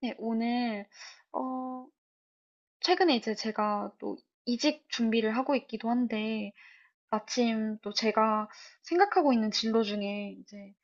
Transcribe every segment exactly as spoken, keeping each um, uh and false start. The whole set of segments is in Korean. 네. 오늘, 어, 최근에 이제 제가 또 이직 준비를 하고 있기도 한데, 마침 또 제가 생각하고 있는 진로 중에 이제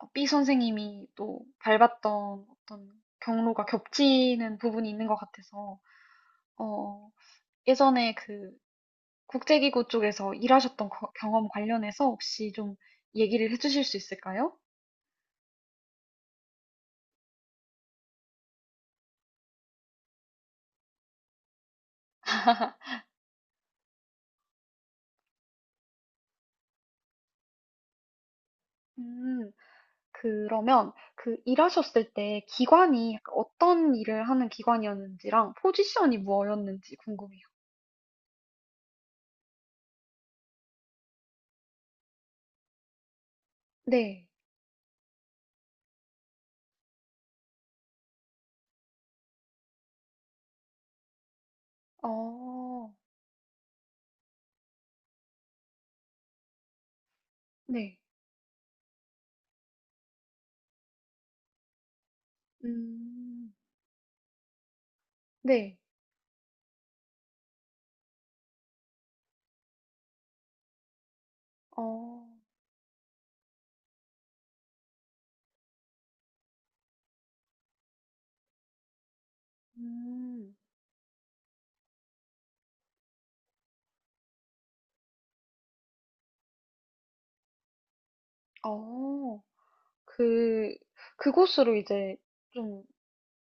어, B 선생님이 또 밟았던 어떤 경로가 겹치는 부분이 있는 것 같아서, 어, 예전에 그 국제기구 쪽에서 일하셨던 거- 경험 관련해서 혹시 좀 얘기를 해주실 수 있을까요? 음, 그러면 그 일하셨을 때 기관이 약간 어떤 일을 하는 기관이었는지랑 포지션이 뭐였는지 궁금해요. 네. 어, 네. 음, 네. 어, 음, 어, 그, 그곳으로 이제 좀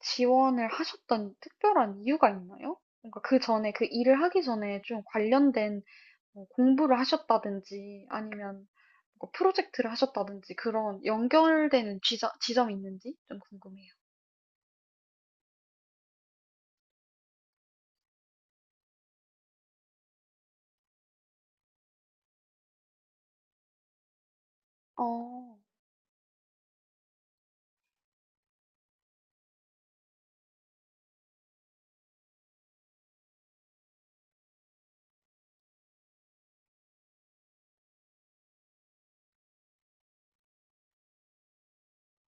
지원을 하셨던 특별한 이유가 있나요? 뭔가 그 전에, 그 일을 하기 전에 좀 관련된 뭐 공부를 하셨다든지 아니면 뭐 프로젝트를 하셨다든지 그런 연결되는 지점, 지점이 있는지 좀 궁금해요. 어.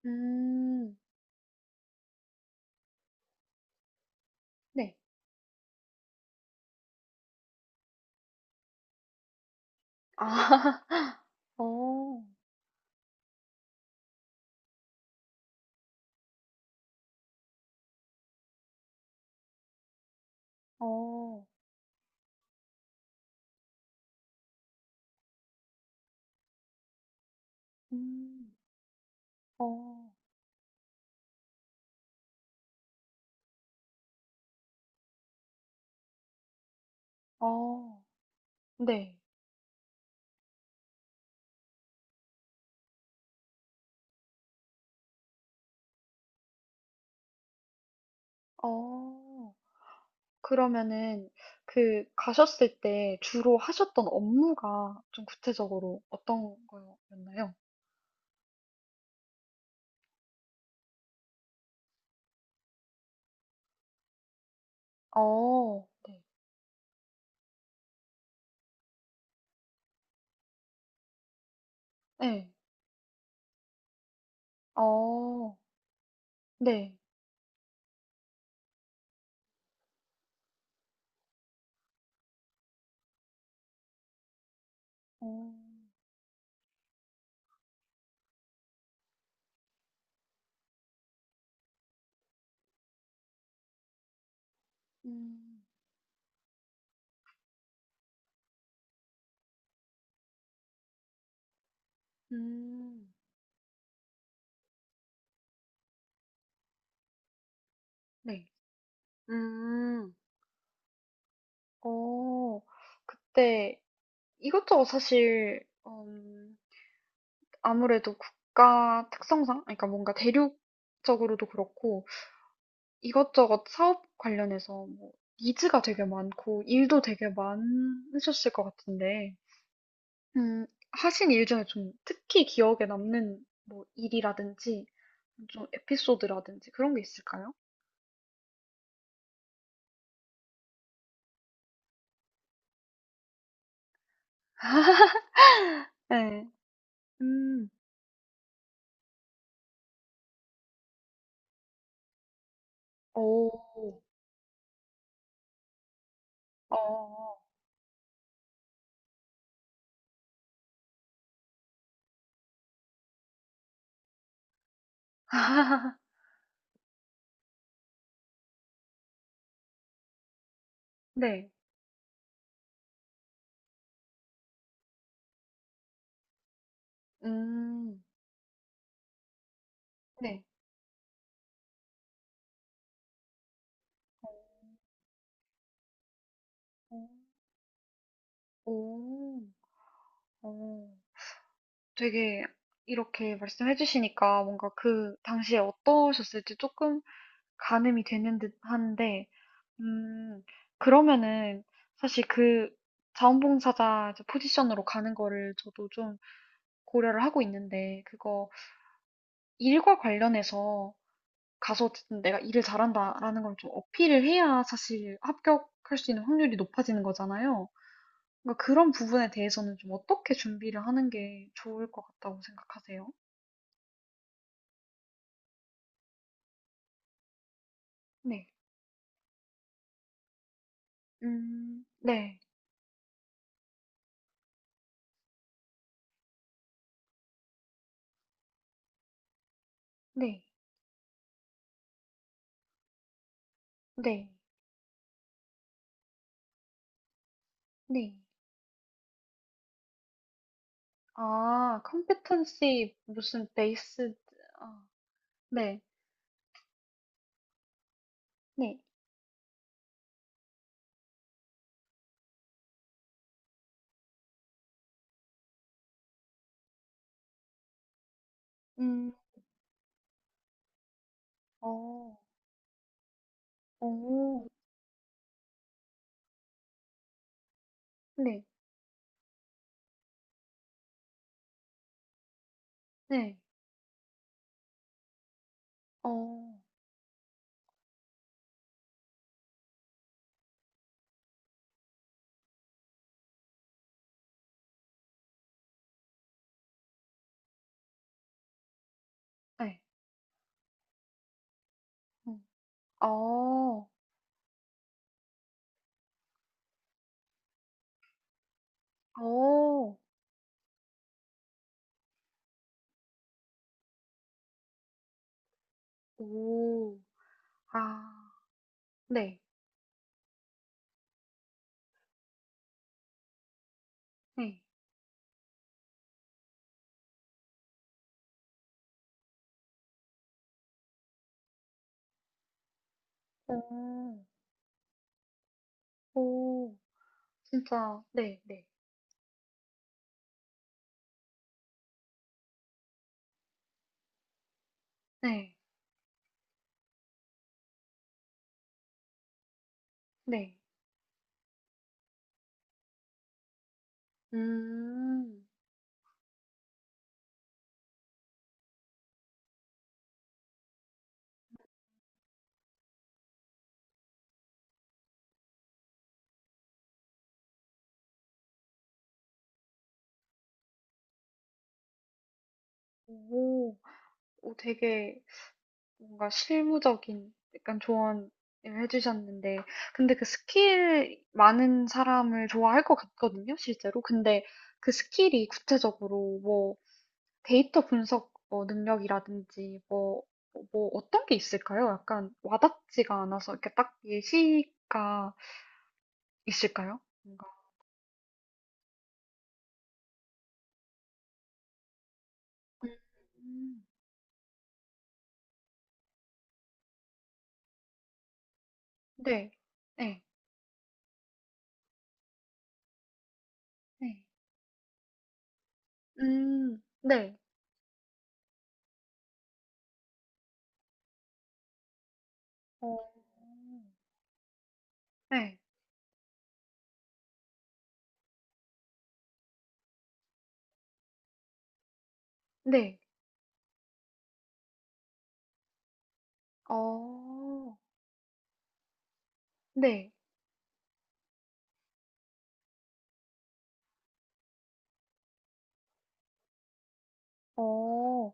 음. 네. 아. 어. 어. 음. 어. 어. 네. 어. 그러면은 그 가셨을 때 주로 하셨던 업무가 좀 구체적으로 어떤 거였나요? 어, 네. 네. 어, 네. 어. 음. 음. 네. 음. 어. 그때 이것저것 사실 음, 아무래도 국가 특성상, 그러니까 뭔가 대륙적으로도 그렇고 이것저것 사업 관련해서 뭐 니즈가 되게 많고 일도 되게 많으셨을 것 같은데, 음, 하신 일 중에 좀 특히 기억에 남는 뭐 일이라든지 좀 에피소드라든지 그런 게 있을까요? 네. 음. 오. 어. 네. 음. 네. 어. 오. 어. 되게 이렇게 말씀해 주시니까 뭔가 그 당시에 어떠셨을지 조금 가늠이 되는 듯한데, 음 그러면은 사실 그 자원봉사자 이제 포지션으로 가는 거를 저도 좀 고려를 하고 있는데, 그거 일과 관련해서 가서 어쨌든 내가 일을 잘한다라는 걸 좀 어필을 해야 사실 합격할 수 있는 확률이 높아지는 거잖아요. 그러니까 그런 부분에 대해서는 좀 어떻게 준비를 하는 게 좋을 것 같다고 생각하세요? 네. 음, 네. 네. 네. 네. 아, competency 무슨 based. 아, 네. 네. 음, 어. 오. 네. 네. 어. 네. 음. 어. 어. 오. 아. 네. 네. 어. 오. 진짜, 네, 네. 네. 네. 음. 오. 오, 되게 뭔가 실무적인 약간 조언을 해 주셨는데, 근데 그 스킬 많은 사람을 좋아할 것 같거든요, 실제로. 근데 그 스킬이 구체적으로 뭐 데이터 분석 뭐 능력이라든지 뭐 뭐 어떤 게 있을까요? 약간 와닿지가 않아서 이렇게 딱 예시가 있을까요? 뭔가? 음. 네. 네. 네. 음. 네. 어. 네. 네. 어. 네. 어.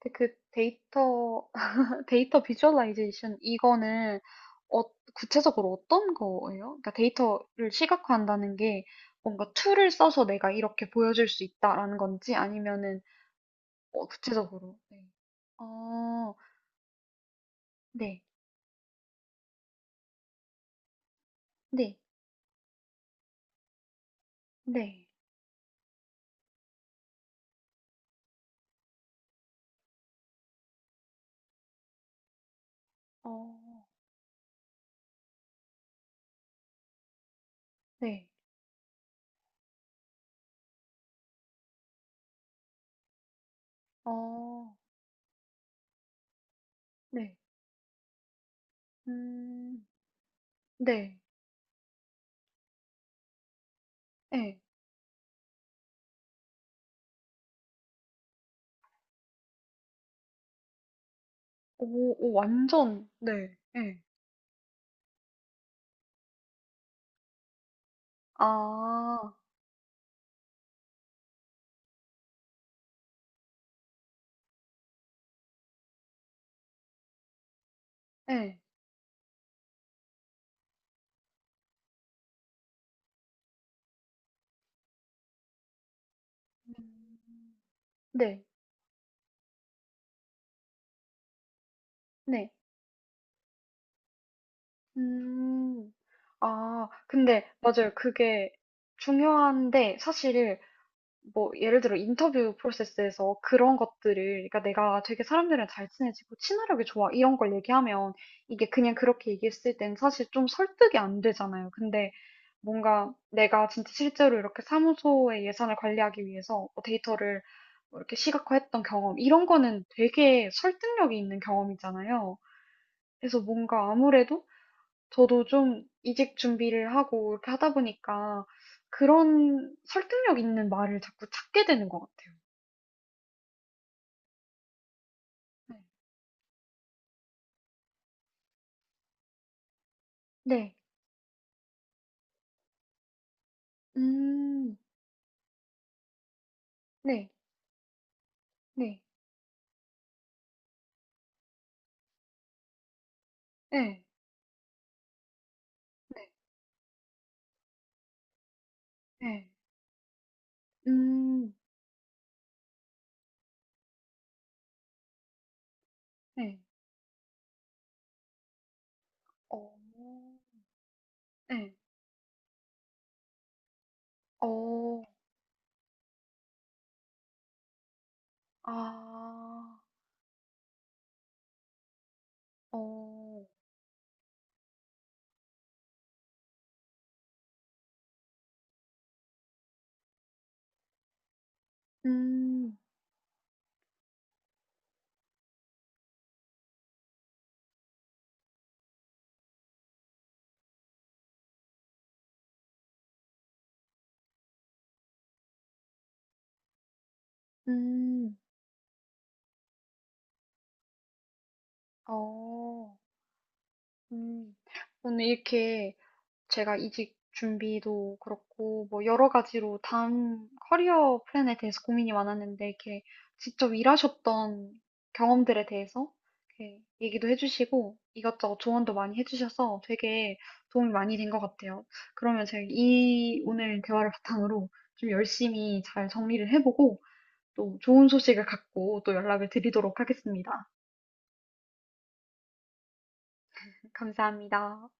근데 그 데이터, 데이터 비주얼라이제이션 이거는 어 구체적으로 어떤 거예요? 그러니까 데이터를 시각화한다는 게 뭔가 툴을 써서 내가 이렇게 보여줄 수 있다라는 건지 아니면은, 어 구체적으로. 네. 어. 네. 네. 네. 어. 네. 어. 네. 음. 네. 예. 오, 오, 완전. 네. 예. 아. 예. 음. 네. 네. 음. 아, 근데 맞아요. 그게 중요한데 사실 뭐 예를 들어 인터뷰 프로세스에서 그런 것들을, 그러니까 내가 되게 사람들이랑 잘 친해지고 친화력이 좋아 이런 걸 얘기하면, 이게 그냥 그렇게 얘기했을 땐 사실 좀 설득이 안 되잖아요. 근데 뭔가 내가 진짜 실제로 이렇게 사무소의 예산을 관리하기 위해서 뭐 데이터를 뭐 이렇게 시각화했던 경험 이런 거는 되게 설득력이 있는 경험이잖아요. 그래서 뭔가 아무래도 저도 좀 이직 준비를 하고 이렇게 하다 보니까, 그런 설득력 있는 말을 자꾸 찾게 되는 것 같아요. 네. 네. 음. 네. 네. 네. 네. 네. 음. 네. 어. 네. 어. 아. 어. 음. 음. 어. 음. 오늘 이렇게 제가 이직 준비도 그렇고 뭐 여러 가지로 다음 커리어 플랜에 대해서 고민이 많았는데, 이렇게 직접 일하셨던 경험들에 대해서 이렇게 얘기도 해주시고 이것저것 조언도 많이 해주셔서 되게 도움이 많이 된 것 같아요. 그러면 제가 이 오늘 대화를 바탕으로 좀 열심히 잘 정리를 해보고 또 좋은 소식을 갖고 또 연락을 드리도록 하겠습니다. 감사합니다.